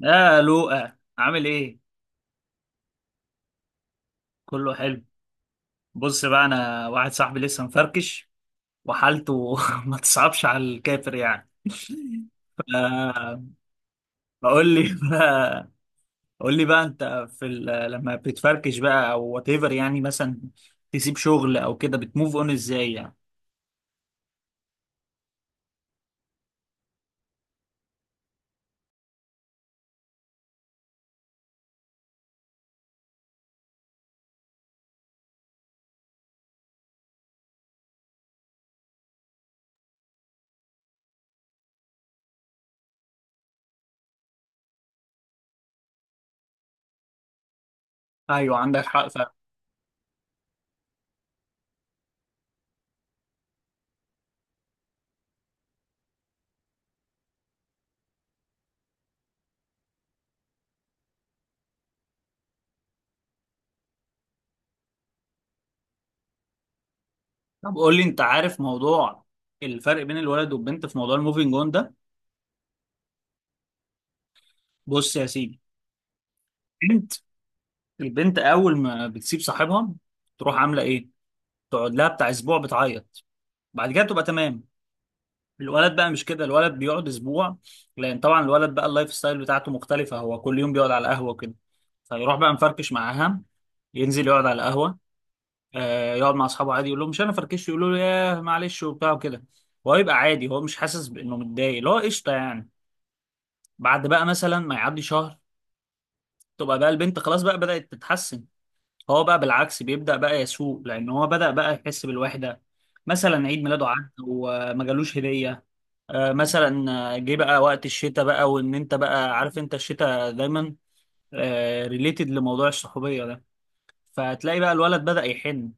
يا لوقا، عامل ايه؟ كله حلو. بص بقى، انا واحد صاحبي لسه مفركش، وحالته ما تصعبش على الكافر يعني. ف- فقول لي بقى قول لي بقى، انت في لما بتفركش بقى، او وات ايفر يعني، مثلا تسيب شغل او كده بتموف اون ازاي يعني؟ ايوه، عندك حق فعلا. طب قول لي، انت عارف موضوع الفرق بين الولد والبنت في موضوع الموفينج اون ده؟ بص يا سيدي. البنت البنت اول ما بتسيب صاحبها تروح عامله ايه؟ تقعد لها بتاع اسبوع بتعيط، بعد كده تبقى تمام. الولد بقى مش كده، الولد بيقعد اسبوع، لان طبعا الولد بقى اللايف ستايل بتاعته مختلفه، هو كل يوم بيقعد على القهوه وكده. فيروح بقى مفركش معاها، ينزل يقعد على القهوه، آه يقعد مع اصحابه عادي، يقول لهم مش انا فركشت، يقولوا له ياه معلش وبتاع وكده. هو يبقى عادي، هو مش حاسس بانه متضايق، اللي هو قشطه يعني. بعد بقى مثلا ما يعدي شهر، تبقى بقى البنت خلاص بقى بدأت تتحسن، هو بقى بالعكس بيبدأ بقى يسوق، لأن هو بدأ بقى يحس بالوحدة. مثلا عيد ميلاده عدى وما جالوش هدية، مثلا جه بقى وقت الشتاء، بقى وإن أنت بقى عارف أنت الشتاء دايما ريليتد لموضوع الصحوبية ده. فهتلاقي بقى الولد بدأ يحن،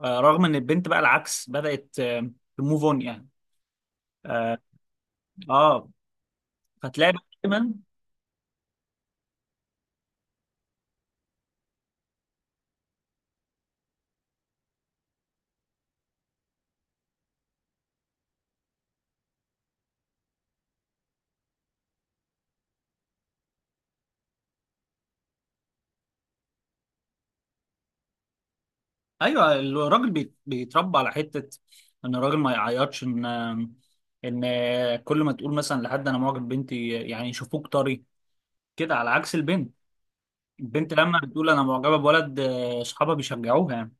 رغم إن البنت بقى العكس بدأت تموف أون يعني. آه آه، فتلاقي بقى دايما. ايوه، الراجل بيتربى على حته ان الراجل ما يعيطش، ان كل ما تقول مثلا لحد انا معجب بنتي، يعني يشوفوك طري كده، على عكس البنت. البنت لما بتقول انا معجبه بولد، صحابها بيشجعوها يعني.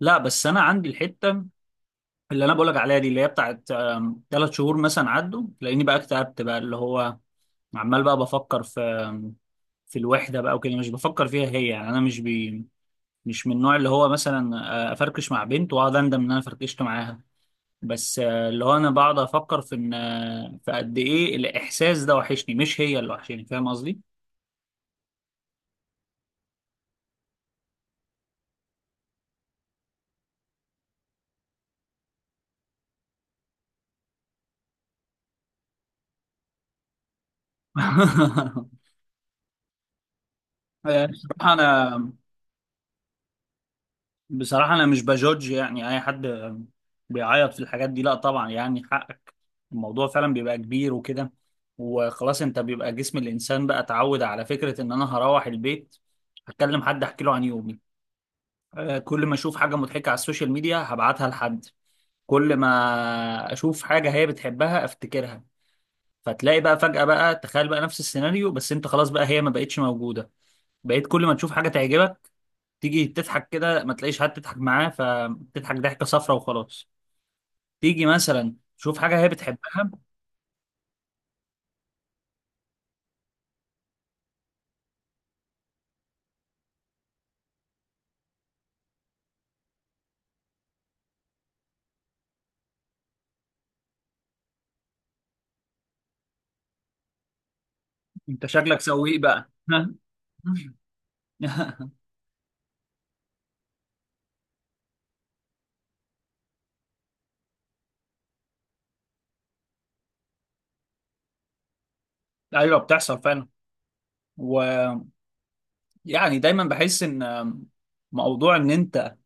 لا بس انا عندي الحته اللي انا بقولك عليها دي، اللي هي بتاعت 3 شهور مثلا عدوا، لاني بقى اكتئبت بقى، اللي هو عمال بقى بفكر في الوحده بقى وكده، مش بفكر فيها هي يعني. انا مش من النوع اللي هو مثلا افركش مع بنت واقعد اندم ان انا فركشت معاها. بس اللي هو انا بقعد افكر في ان في قد ايه الاحساس ده وحشني، مش هي اللي وحشاني، فاهم قصدي؟ بصراحه انا مش بجوج يعني اي حد بيعيط في الحاجات دي، لا طبعا يعني حقك، الموضوع فعلا بيبقى كبير وكده. وخلاص انت بيبقى جسم الانسان بقى اتعود على فكره ان انا هروح البيت هتكلم حد احكي له عن يومي، كل ما اشوف حاجه مضحكه على السوشيال ميديا هبعتها لحد، كل ما اشوف حاجه هي بتحبها افتكرها. فتلاقي بقى فجأة بقى، تخيل بقى نفس السيناريو، بس انت خلاص بقى هي ما بقتش موجودة. بقيت كل ما تشوف حاجة تعجبك تيجي تضحك كده ما تلاقيش حد تضحك معاه، فتضحك ضحكة صفرة وخلاص، تيجي مثلا تشوف حاجة هي بتحبها. انت شكلك سويق بقى. ايوه بتحصل فعلا، ويعني دايما بحس ان موضوع ان انت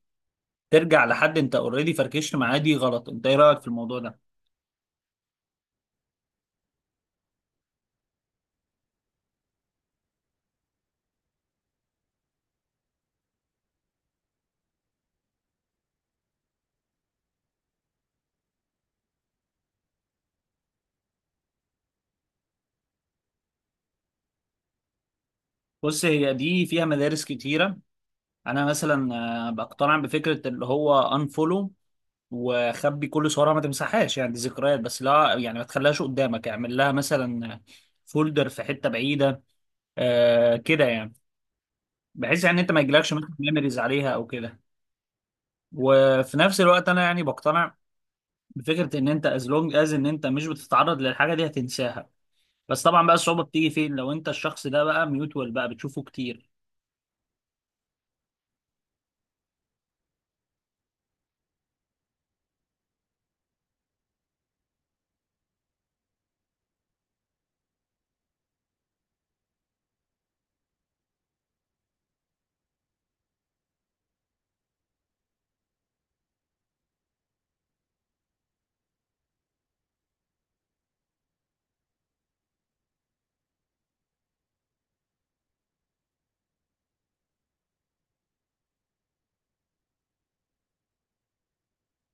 ترجع لحد انت اوريدي فركشت معاه دي غلط. انت ايه رأيك في الموضوع ده؟ بص، هي دي فيها مدارس كتيرة. انا مثلا بقتنع بفكره اللي هو انفولو وخبي كل صورها، ما تمسحهاش يعني دي ذكريات، بس لا يعني ما تخليهاش قدامك، اعمل لها مثلا فولدر في حته بعيده آه كده يعني، بحيث يعني انت ما يجيلكش مثلا ميموريز عليها او كده. وفي نفس الوقت انا يعني بقتنع بفكره ان انت از لونج از ان انت مش بتتعرض للحاجه دي هتنساها. بس طبعا بقى الصعوبه بتيجي فين؟ لو انت الشخص ده بقى ميوتوال بقى بتشوفه كتير.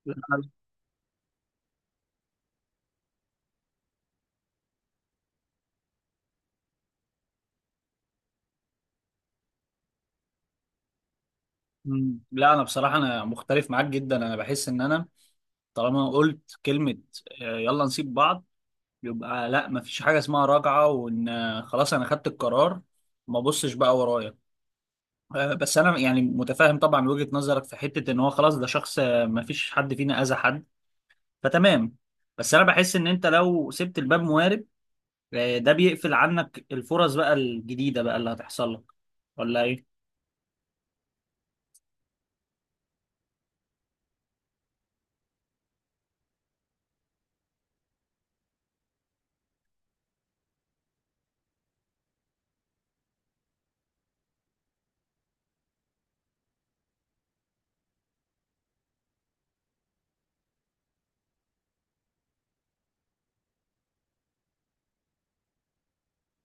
لا مم. لا انا بصراحه انا مختلف معاك جدا. انا بحس ان انا طالما قلت كلمة يلا نسيب بعض، يبقى لا مفيش حاجة اسمها راجعة، وان خلاص انا خدت القرار ما بصش بقى ورايا. بس انا يعني متفاهم طبعا وجهة نظرك في حتة ان هو خلاص ده شخص، مفيش حد فينا اذى حد، فتمام. بس انا بحس ان انت لو سبت الباب موارب، ده بيقفل عنك الفرص بقى الجديدة بقى اللي هتحصل لك، ولا ايه؟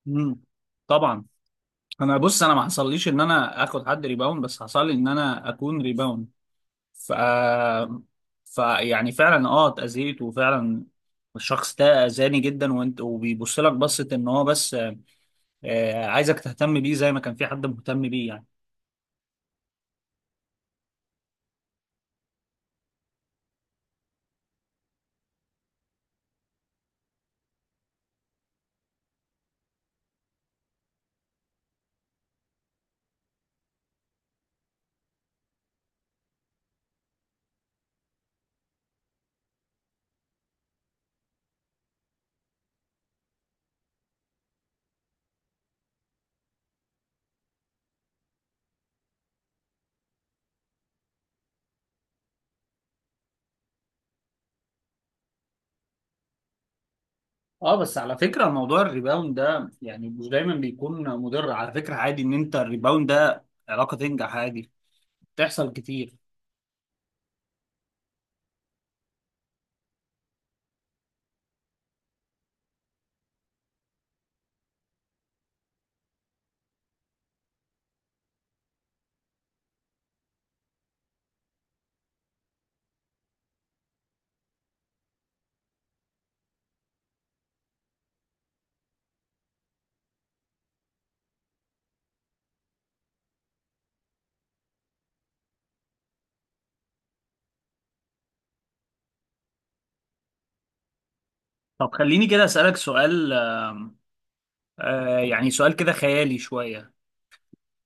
مم. طبعا. انا بص، انا ما حصليش ان انا اخد حد ريباوند، بس حصل لي ان انا اكون ريباوند. ف فيعني فعلا اه اتأذيت، وفعلا الشخص ده أذاني جدا، وانت وبيبص لك بصة ان هو بس عايزك تهتم بيه زي ما كان في حد مهتم بيه يعني. اه بس على فكرة موضوع الريباوند ده يعني مش دايما بيكون مضر، على فكرة عادي ان انت الريباوند ده علاقة تنجح عادي، بتحصل كتير. طب خليني كده أسألك سؤال، يعني سؤال كده خيالي شوية.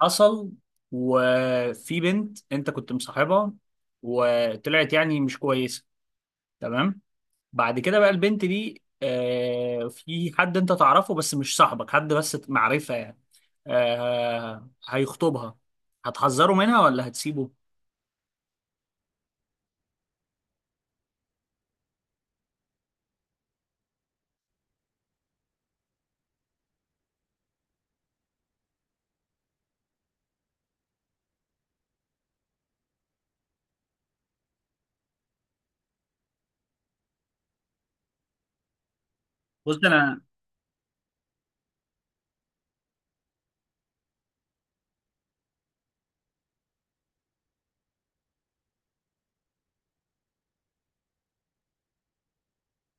حصل وفي بنت انت كنت مصاحبها، وطلعت يعني مش كويسه، تمام، بعد كده بقى البنت دي في حد انت تعرفه، بس مش صاحبك، حد بس معرفه يعني، هيخطبها، هتحذره منها ولا هتسيبه؟ بص انا،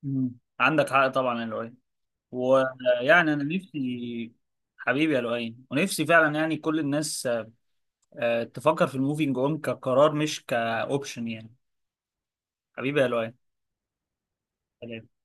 مم. عندك حق طبعا يا لؤي. ويعني انا نفسي، حبيبي يا لؤي، ونفسي فعلا يعني كل الناس تفكر في الموفينج اون كقرار مش كاوبشن يعني. حبيبي يا لؤي. سلام.